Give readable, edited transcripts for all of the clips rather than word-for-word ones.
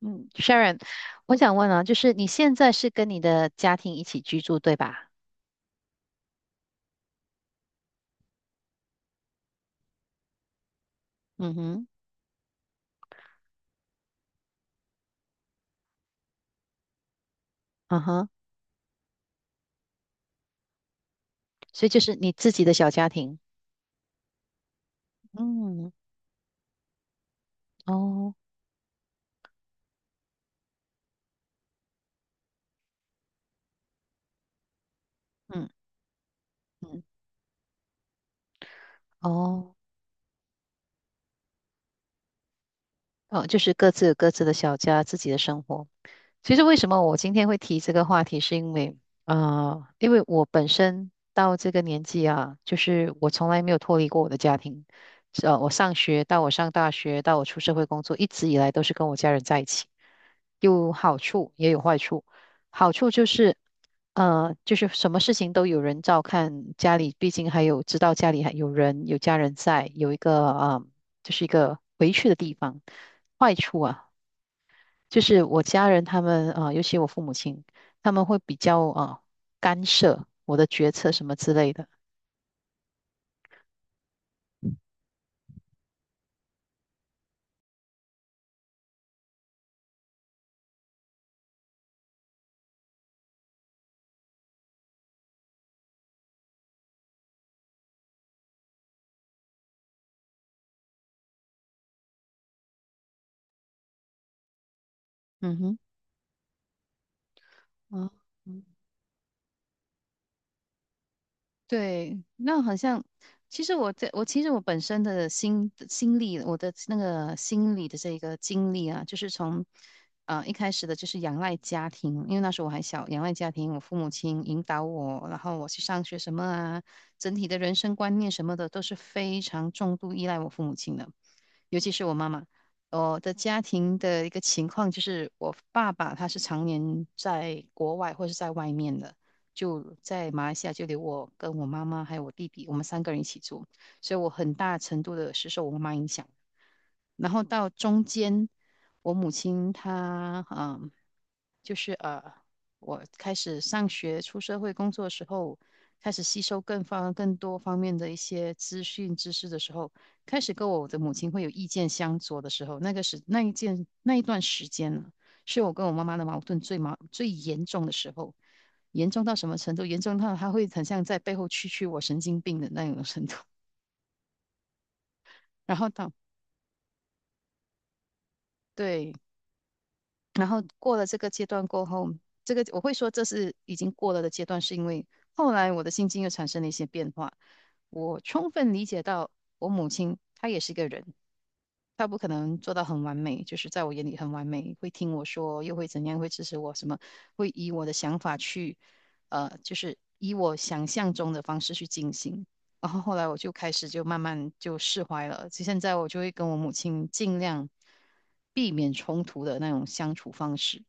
嗯，Sharon，我想问啊，就是你现在是跟你的家庭一起居住，对吧？嗯哼。嗯哼。所以就是你自己的小家庭。嗯。哦。嗯嗯。哦哦，就是各自有各自的小家，自己的生活。其实为什么我今天会提这个话题，是因为我本身到这个年纪啊，就是我从来没有脱离过我的家庭。我上学到我上大学到我出社会工作，一直以来都是跟我家人在一起。有好处也有坏处。好处就是，什么事情都有人照看，家里毕竟还有知道家里还有人有家人在，有一个就是一个回去的地方。坏处啊，就是我家人他们尤其我父母亲，他们会比较干涉我的决策什么之类的。Hı hı。 Aa。 对，那好像，其实我其实我本身的心理，我的那个心理的这个经历啊，就是从一开始的就是仰赖家庭，因为那时候我还小，仰赖家庭，我父母亲引导我，然后我去上学什么啊，整体的人生观念什么的都是非常重度依赖我父母亲的。尤其是我妈妈，我的家庭的一个情况就是，我爸爸他是常年在国外或是在外面的，就在马来西亚就留我跟我妈妈还有我弟弟，我们三个人一起住，所以我很大程度的是受我妈妈影响。然后到中间，我母亲她就是呃，我开始上学、出社会工作的时候，开始吸收更多方面的一些资讯知识的时候，开始跟我的母亲会有意见相左的时候，那个时那一件那一段时间呢，是我跟我妈妈的矛盾最严重的时候，严重到什么程度？严重到她会很像在背后蛐蛐我神经病的那种程度。然后到对，然后过了这个阶段过后，这个我会说这是已经过了的阶段，是因为后来我的心境又产生了一些变化。我充分理解到我母亲她也是一个人，他不可能做到很完美，就是在我眼里很完美，会听我说，又会怎样，会支持我什么，会以我的想法去，就是以我想象中的方式去进行。然后后来我就开始就慢慢就释怀了，就现在我就会跟我母亲尽量避免冲突的那种相处方式。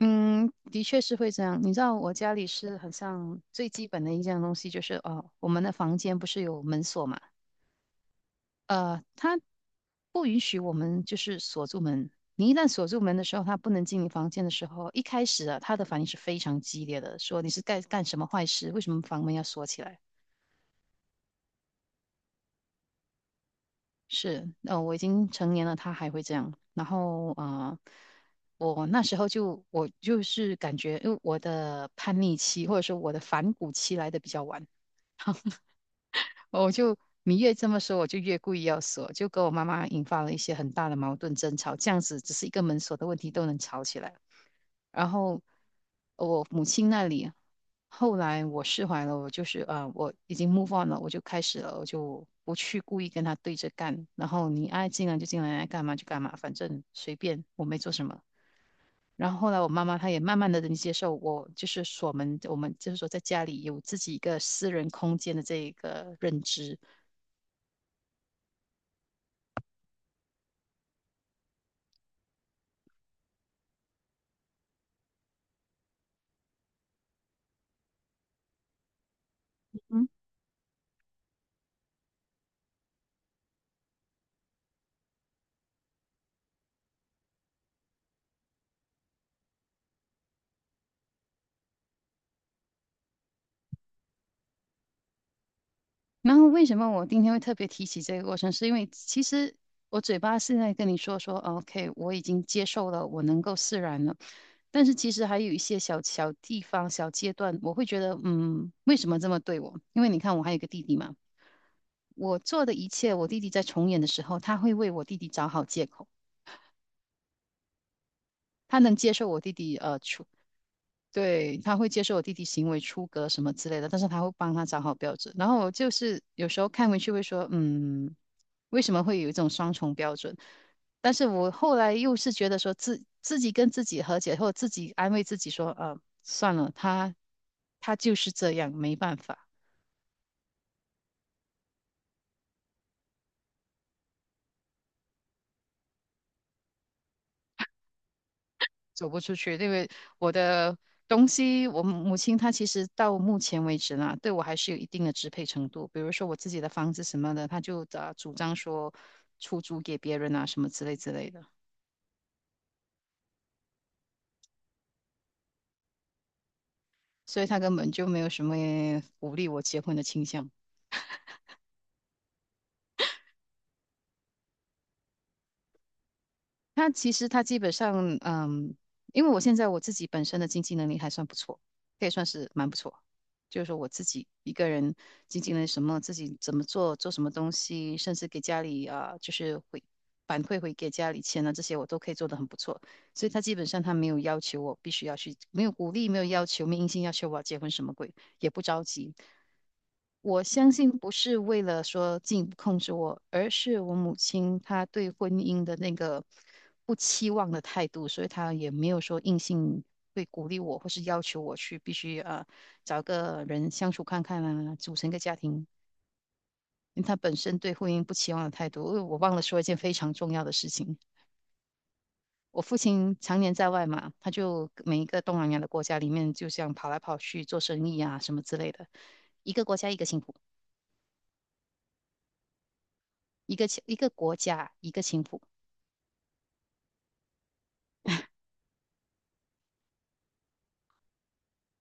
嗯，的确是会这样。你知道我家里是很像最基本的一件东西，就是哦，我们的房间不是有门锁嘛？他不允许我们就是锁住门。你一旦锁住门的时候，他不能进你房间的时候，一开始啊，他的反应是非常激烈的，说你是干什么坏事？为什么房门要锁起来？是，我已经成年了，他还会这样。然后我那时候就我就是感觉，因为我的叛逆期或者说我的反骨期来的比较晚，我就你越这么说，我就越故意要锁，就跟我妈妈引发了一些很大的矛盾争吵。这样子只是一个门锁的问题都能吵起来。然后我母亲那里，后来我释怀了，我就是我已经 move on 了，我就开始了，我就不去故意跟他对着干。然后你爱进来就进来，爱干嘛就干嘛，反正随便，我没做什么。然后后来我妈妈她也慢慢的能接受我，就是锁门，我们就是说在家里有自己一个私人空间的这一个认知。嗯。然后为什么我今天会特别提起这个过程，是因为其实我嘴巴现在跟你说说 OK 我已经接受了，我能够释然了。但是其实还有一些小地方、小阶段，我会觉得，嗯，为什么这么对我？因为你看，我还有一个弟弟嘛，我做的一切，我弟弟在重演的时候，他会为我弟弟找好借口，他能接受我弟弟对，他会接受我弟弟行为出格什么之类的，但是他会帮他找好标准。然后我就是有时候看回去会说，嗯，为什么会有一种双重标准？但是我后来又是觉得说自己跟自己和解，或者自己安慰自己说，算了，他就是这样，没办法。走不出去，因为我的东西，我母亲她其实到目前为止呢，对我还是有一定的支配程度。比如说我自己的房子什么的，她就主张说出租给别人啊，什么之类的，所以她根本就没有什么鼓励我结婚的倾向。它其实他基本上，嗯，因为我现在我自己本身的经济能力还算不错，可以算是蛮不错。就是说我自己一个人经济能力什么，自己怎么做，做什么东西，甚至给家里啊，就是会反馈回给家里钱啊，这些我都可以做得很不错。所以他基本上他没有要求我必须要去，没有鼓励，没有要求，没硬性要求我要结婚什么鬼。也不着急。我相信不是为了说进一步控制我，而是我母亲她对婚姻的那个不期望的态度，所以她也没有说硬性会鼓励我，或是要求我去必须啊找个人相处看看啊，组成一个家庭。因为她本身对婚姻不期望的态度，因为我忘了说一件非常重要的事情。我父亲常年在外嘛，他就每一个东南亚的国家里面，就像跑来跑去做生意啊什么之类的，一个国家一个幸福。一个国家一个情妇，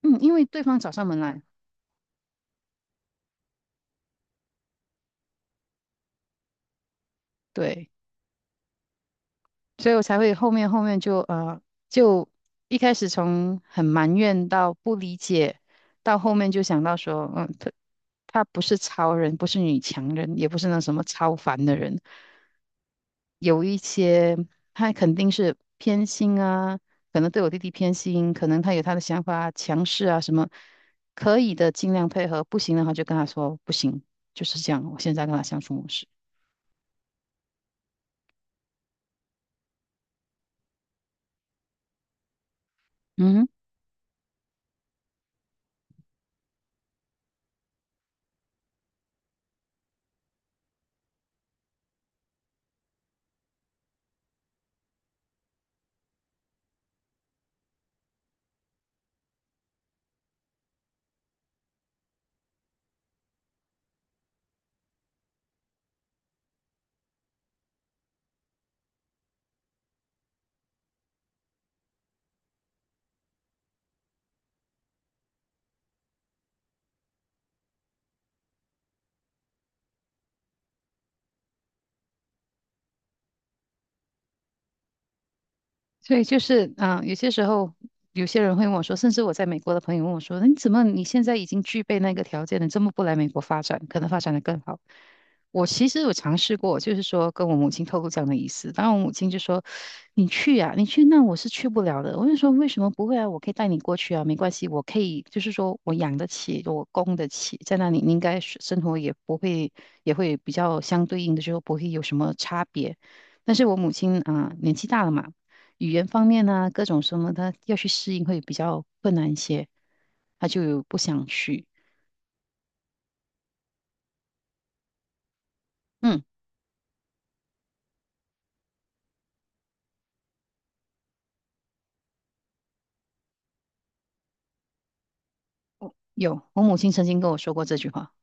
嗯，因为对方找上门来，对。所以我才会后面后面就呃，就一开始从很埋怨到不理解，到后面就想到说，嗯，他不是超人，不是女强人，也不是那什么超凡的人，有一些他肯定是偏心啊，可能对我弟弟偏心，可能他有他的想法、强势啊什么，可以的尽量配合，不行的话就跟他说不行，就是这样，我现在跟他相处模式。嗯哼。所以就是，嗯、有些时候有些人会问我说，甚至我在美国的朋友问我说，你怎么你现在已经具备那个条件了，这么不来美国发展，可能发展的更好？我其实有尝试过，就是说跟我母亲透露这样的意思，当然我母亲就说，你去呀、你去那我是去不了的。我就说为什么不会啊？我可以带你过去啊，没关系，我可以，就是说我养得起，我供得起，在那里你应该是生活也不会，也会比较相对应的，就是说不会有什么差别。但是我母亲啊、年纪大了嘛。语言方面啊，各种什么他要去适应会比较困难一些，他就不想去。嗯，有，我母亲曾经跟我说过这句话。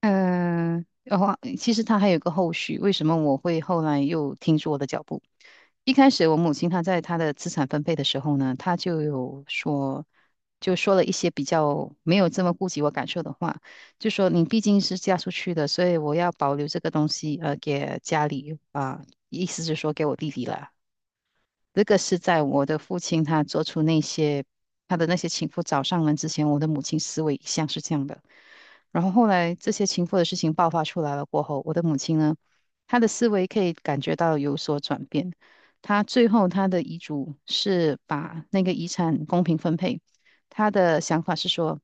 嗯、然后其实他还有个后续，为什么我会后来又停住我的脚步？一开始我母亲她在她的资产分配的时候呢，她就有说，就说了一些比较没有这么顾及我感受的话，就说你毕竟是嫁出去的，所以我要保留这个东西，给家里啊、意思是说给我弟弟了。这个是在我的父亲他做出那些他的那些情妇找上门之前，我的母亲思维一向是这样的。然后后来这些情妇的事情爆发出来了过后，我的母亲呢，她的思维可以感觉到有所转变。她最后她的遗嘱是把那个遗产公平分配，她的想法是说。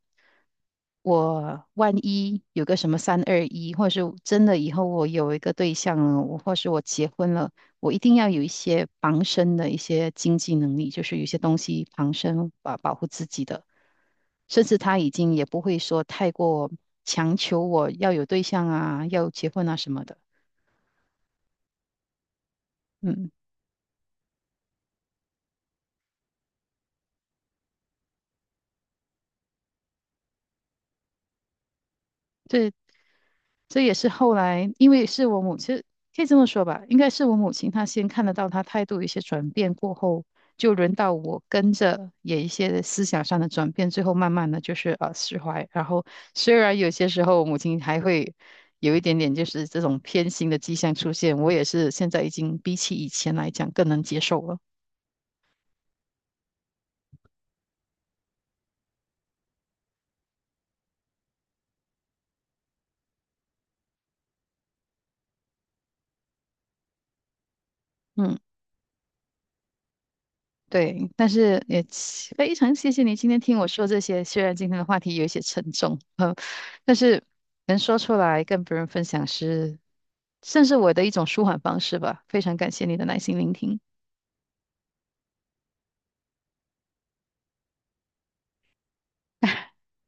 我万一有个什么三二一，或是真的以后我有一个对象了，我或是我结婚了，我一定要有一些防身的一些经济能力，就是有一些东西防身，保护自己的。甚至他已经也不会说太过强求我要有对象啊，要结婚啊什么的。嗯，这这也是后来，因为是我母亲，可以这么说吧，应该是我母亲她先看得到她态度有一些转变过后，就轮到我跟着也一些思想上的转变，最后慢慢的就是释怀。然后虽然有些时候母亲还会有一点点就是这种偏心的迹象出现，我也是现在已经比起以前来讲更能接受了。嗯。对，但是也非常谢谢你今天听我说这些。虽然今天的话题有一些沉重，但是能说出来跟别人分享是，算是我的一种舒缓方式吧。非常感谢你的耐心聆听，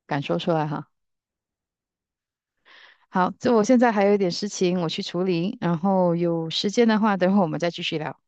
敢说出来哈。好，就我现在还有一点事情我去处理，然后有时间的话，等会我们再继续聊。